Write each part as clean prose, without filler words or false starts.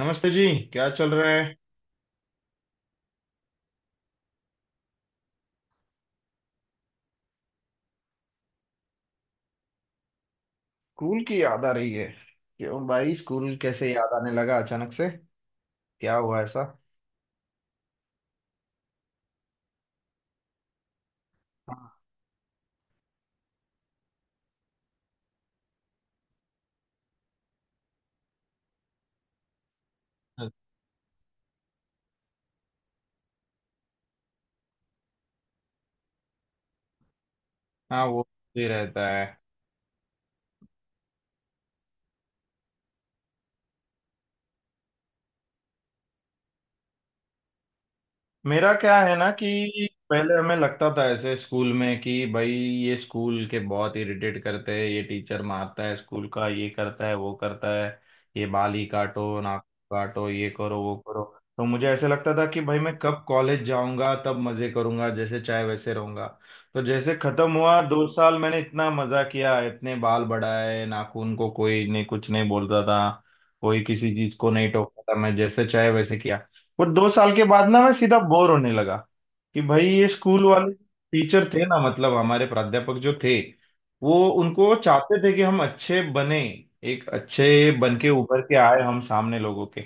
नमस्ते जी। क्या चल रहा है? स्कूल की याद आ रही है? क्यों भाई, स्कूल कैसे याद आने लगा अचानक से? क्या हुआ ऐसा? हाँ, हाँ, वो भी रहता है। मेरा क्या है ना कि पहले हमें लगता था ऐसे स्कूल में कि भाई ये स्कूल के बहुत इरिटेट करते हैं, ये टीचर मारता है, स्कूल का ये करता है वो करता है, ये बाल ही काटो, नाक काटो, ये करो वो करो। तो मुझे ऐसे लगता था कि भाई मैं कब कॉलेज जाऊंगा तब मजे करूंगा, जैसे चाहे वैसे रहूंगा। तो जैसे खत्म हुआ दो साल, मैंने इतना मजा किया, इतने बाल बढ़ाए नाखून, को कोई नहीं कुछ नहीं बोलता था। कोई किसी चीज को नहीं टोकता था, मैं जैसे चाहे वैसे किया। वो दो साल के बाद ना मैं सीधा बोर होने लगा कि भाई ये स्कूल वाले टीचर थे ना, मतलब हमारे प्राध्यापक जो थे, वो उनको चाहते थे कि हम अच्छे बने, एक अच्छे बन के उभर के आए हम सामने लोगों के।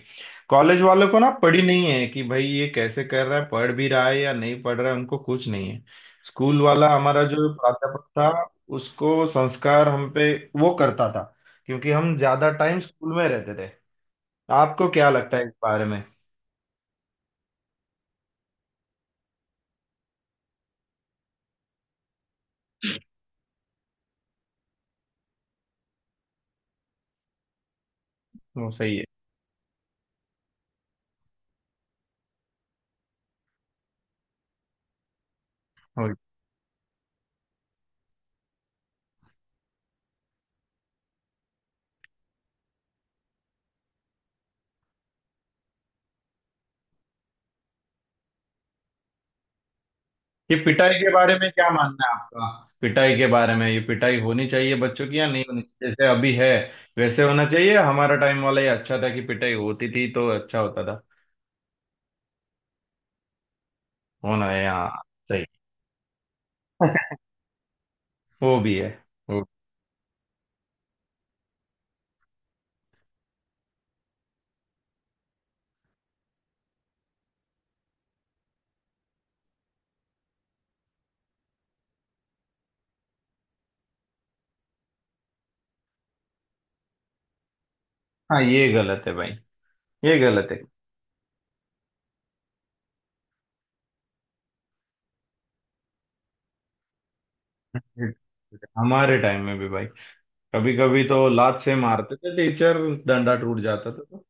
कॉलेज वालों को ना पड़ी नहीं है कि भाई ये कैसे कर रहा है, पढ़ भी रहा है या नहीं पढ़ रहा है, उनको कुछ नहीं है। स्कूल वाला हमारा जो प्राध्यापक था, उसको संस्कार हम पे वो करता था, क्योंकि हम ज्यादा टाइम स्कूल में रहते थे। आपको क्या लगता है इस बारे में? वो सही है। ये पिटाई के बारे में क्या मानना है आपका? पिटाई के बारे में, ये पिटाई होनी चाहिए बच्चों की या नहीं होनी चाहिए? जैसे अभी है वैसे होना चाहिए? हमारा टाइम वाला ये अच्छा था कि पिटाई होती थी तो अच्छा होता था। होना है, हाँ। सही। वो भी है। वो। हाँ। ये गलत है भाई, ये गलत है। हमारे टाइम में भी भाई, कभी कभी तो लात से मारते थे टीचर, डंडा टूट जाता था। तो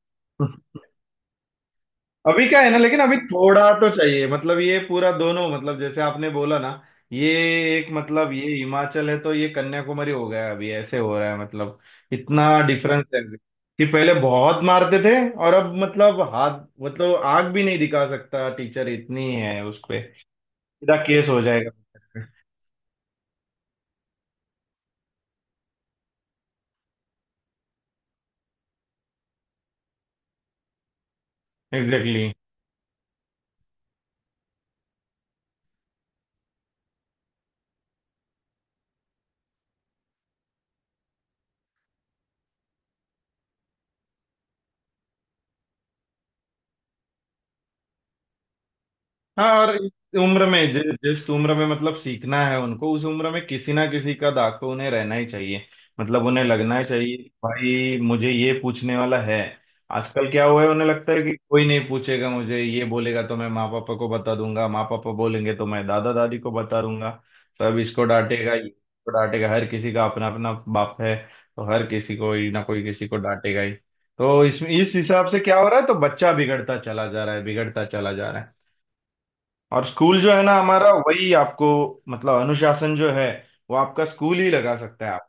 अभी क्या है ना, लेकिन अभी थोड़ा तो चाहिए मतलब, ये पूरा दोनों मतलब जैसे आपने बोला ना, ये एक मतलब, ये हिमाचल है तो ये कन्याकुमारी हो गया अभी, ऐसे हो रहा है मतलब। इतना डिफरेंस है अभी कि पहले बहुत मारते थे, और अब मतलब हाथ मतलब आग भी नहीं दिखा सकता टीचर, इतनी है उस पे, सीधा केस हो जाएगा। एग्जैक्टली। हाँ और इस उम्र में जिस उम्र में मतलब सीखना है उनको, उस उम्र में किसी ना किसी का दाग तो उन्हें रहना ही चाहिए। मतलब उन्हें लगना चाहिए कि भाई मुझे ये पूछने वाला है। आजकल क्या हुआ है, उन्हें लगता है कि कोई नहीं पूछेगा, मुझे ये बोलेगा तो मैं माँ पापा को बता दूंगा, माँ पापा बोलेंगे तो मैं दादा दादी को बता दूंगा, सब इसको डांटेगा ये इसको डांटेगा, हर किसी का अपना अपना बाप है। तो हर किसी को ही ना कोई किसी को डांटेगा ही। तो इसमें इस हिसाब से क्या हो रहा है, तो बच्चा बिगड़ता चला जा रहा है, बिगड़ता चला जा रहा है। और स्कूल जो है ना हमारा, वही आपको मतलब अनुशासन जो है, वो आपका स्कूल ही लगा सकता है। आप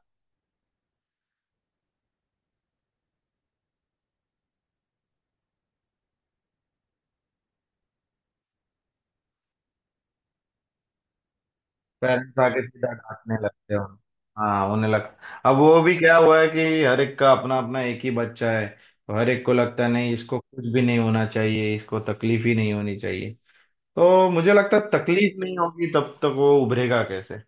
पेरेंट्स आके सीधा डांटने लगते हो। हाँ, उन्हें लगता अब, वो भी क्या हुआ है कि हर एक का अपना अपना एक ही बच्चा है, तो हर एक को लगता है नहीं इसको कुछ भी नहीं होना चाहिए, इसको तकलीफ ही नहीं होनी चाहिए। तो मुझे लगता है तकलीफ नहीं होगी तब तक वो उभरेगा कैसे।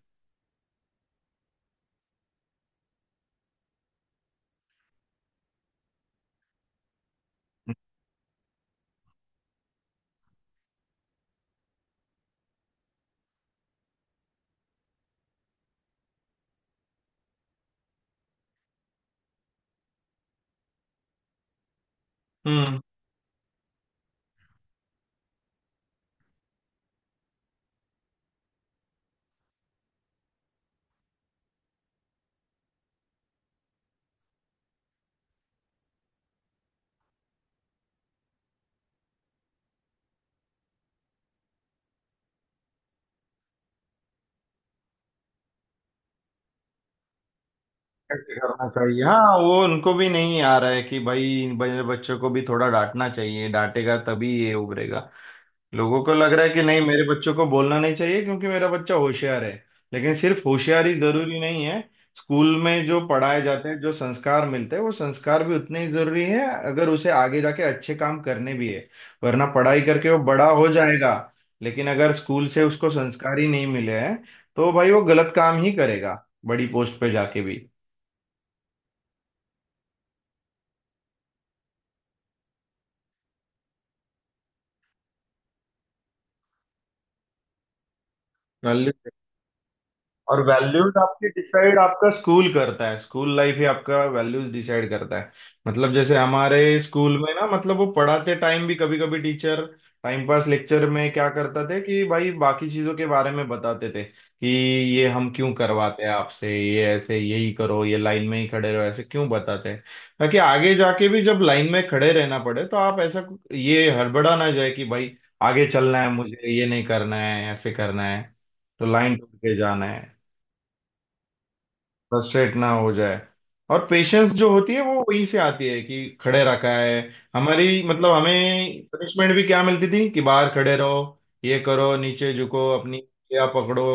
हम्म। कैसे करना चाहिए, हाँ, वो उनको भी नहीं आ रहा है कि भाई बड़े बच्चों को भी थोड़ा डांटना चाहिए, डांटेगा तभी ये उभरेगा। लोगों को लग रहा है कि नहीं मेरे बच्चों को बोलना नहीं चाहिए क्योंकि मेरा बच्चा होशियार है। लेकिन सिर्फ होशियारी जरूरी नहीं है। स्कूल में जो पढ़ाए जाते हैं, जो संस्कार मिलते हैं, वो संस्कार भी उतने ही जरूरी है अगर उसे आगे जाके अच्छे काम करने भी है। वरना पढ़ाई करके वो बड़ा हो जाएगा, लेकिन अगर स्कूल से उसको संस्कार ही नहीं मिले हैं, तो भाई वो गलत काम ही करेगा बड़ी पोस्ट पे जाके भी। और वैल्यूज आपके डिसाइड आपका स्कूल करता है, स्कूल लाइफ ही आपका वैल्यूज डिसाइड करता है। मतलब जैसे हमारे स्कूल में ना मतलब वो पढ़ाते टाइम भी कभी कभी टीचर टाइम पास लेक्चर में क्या करता थे कि भाई बाकी चीजों के बारे में बताते थे कि ये हम क्यों करवाते हैं आपसे, ये ऐसे यही करो, ये लाइन में ही खड़े रहो, ऐसे क्यों बताते हैं, ताकि आगे जाके भी जब लाइन में खड़े रहना पड़े तो आप ऐसा ये हड़बड़ा ना जाए कि भाई आगे चलना है, मुझे ये नहीं करना है, ऐसे करना है, तो लाइन टूट के जाना है, फ्रस्ट्रेट ना हो जाए। और पेशेंस जो होती है वो वहीं से आती है, कि खड़े रखा है। हमारी मतलब हमें पनिशमेंट भी क्या मिलती थी कि बाहर खड़े रहो, ये करो, नीचे झुको अपनी या पकड़ो,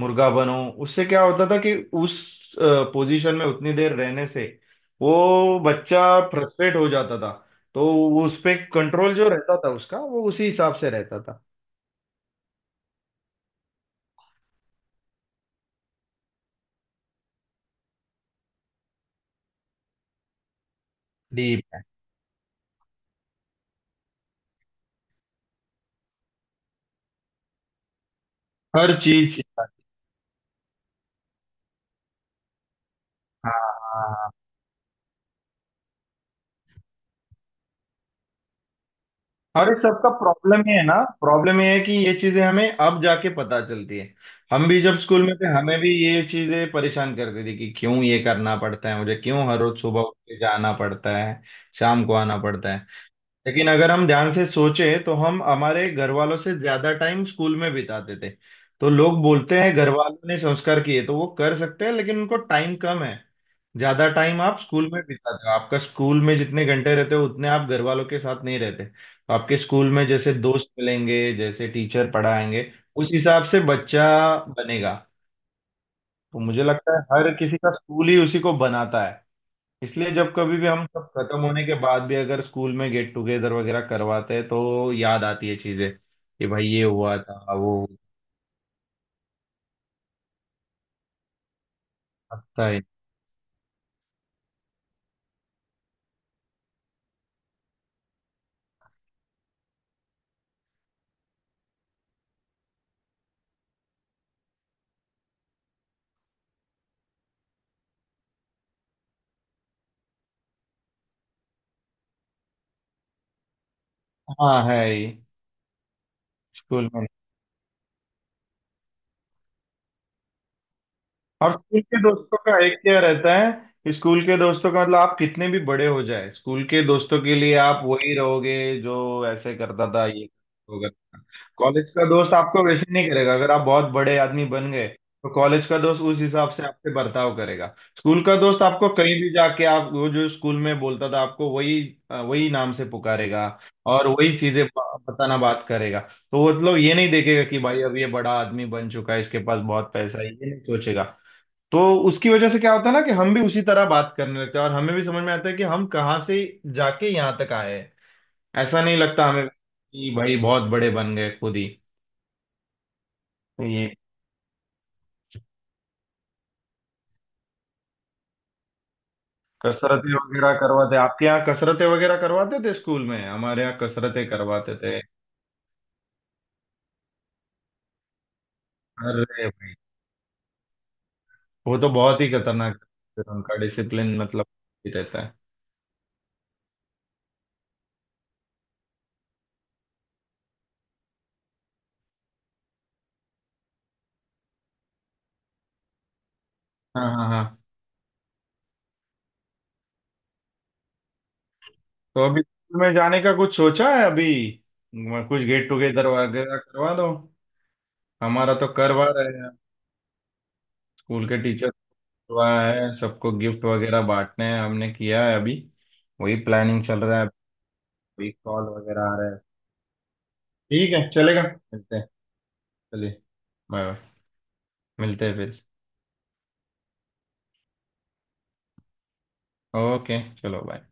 मुर्गा बनो। उससे क्या होता था कि उस पोजीशन में उतनी देर रहने से वो बच्चा फ्रस्ट्रेट हो जाता था, तो वो उस पे कंट्रोल जो रहता था उसका, वो उसी हिसाब से रहता था। डीप है। हर चीज, हाँ। हाँ हाँ। और इस सबका प्रॉब्लम ये है ना, प्रॉब्लम ये है कि ये चीजें हमें अब जाके पता चलती है। हम भी जब स्कूल में थे, हमें भी ये चीजें परेशान करती थी कि क्यों ये करना पड़ता है मुझे, क्यों हर रोज सुबह उठ के जाना पड़ता है, शाम को आना पड़ता है। लेकिन अगर हम ध्यान से सोचें तो हम हमारे घर वालों से ज्यादा टाइम स्कूल में बिताते थे। तो लोग बोलते हैं घर वालों ने संस्कार किए तो वो कर सकते हैं, लेकिन उनको टाइम कम है। ज्यादा टाइम आप स्कूल में बिताते हो, आपका स्कूल में जितने घंटे रहते हो उतने आप घर वालों के साथ नहीं रहते, तो आपके स्कूल में जैसे दोस्त मिलेंगे, जैसे टीचर पढ़ाएंगे, उस हिसाब से बच्चा बनेगा। तो मुझे लगता है हर किसी का स्कूल ही उसी को बनाता है। इसलिए जब कभी भी हम सब खत्म होने के बाद भी अगर स्कूल में गेट टुगेदर वगैरह करवाते हैं तो याद आती है चीजें कि भाई ये हुआ था वो। लगता है। हाँ, है ही। स्कूल में। और स्कूल के दोस्तों का एक क्या रहता है, स्कूल के दोस्तों का मतलब आप कितने भी बड़े हो जाए, स्कूल के दोस्तों के लिए आप वही रहोगे जो ऐसे करता था ये, वो करता था। कॉलेज का दोस्त आपको वैसे नहीं करेगा अगर आप बहुत बड़े आदमी बन गए, तो कॉलेज का दोस्त उस हिसाब से आपसे बर्ताव करेगा। स्कूल का दोस्त आपको कहीं भी जाके, आप वो जो स्कूल में बोलता था आपको वही वही नाम से पुकारेगा। और वही चीजें बताना बात करेगा। तो वो मतलब ये नहीं देखेगा कि भाई अब ये बड़ा आदमी बन चुका है, इसके पास बहुत पैसा है, ये नहीं सोचेगा। तो उसकी वजह से क्या होता है ना, कि हम भी उसी तरह बात करने लगते हैं, और हमें भी समझ में आता है कि हम कहाँ से जाके यहाँ तक आए हैं। ऐसा नहीं लगता हमें कि भाई बहुत बड़े बन गए खुद ही ये। कसरतें वगैरह करवाते आपके यहाँ? कसरतें वगैरह करवाते थे स्कूल में? हमारे यहाँ कसरतें करवाते थे। अरे भाई, वो तो बहुत ही खतरनाक है। उनका डिसिप्लिन मतलब ही रहता है। हाँ, हाँ, हाँ। तो अभी स्कूल में जाने का कुछ सोचा है अभी? कुछ गेट टुगेदर वगैरह करवा दो। हमारा तो करवा रहे हैं स्कूल के टीचर, हुआ है, सबको गिफ्ट वगैरह बांटने हैं, हमने किया है अभी, वही प्लानिंग चल रहा है। अभी कॉल वगैरह आ रहा है। ठीक है, चलेगा, मिलते हैं। चलिए, बाय बाय। मिलते हैं फिर। ओके चलो, बाय।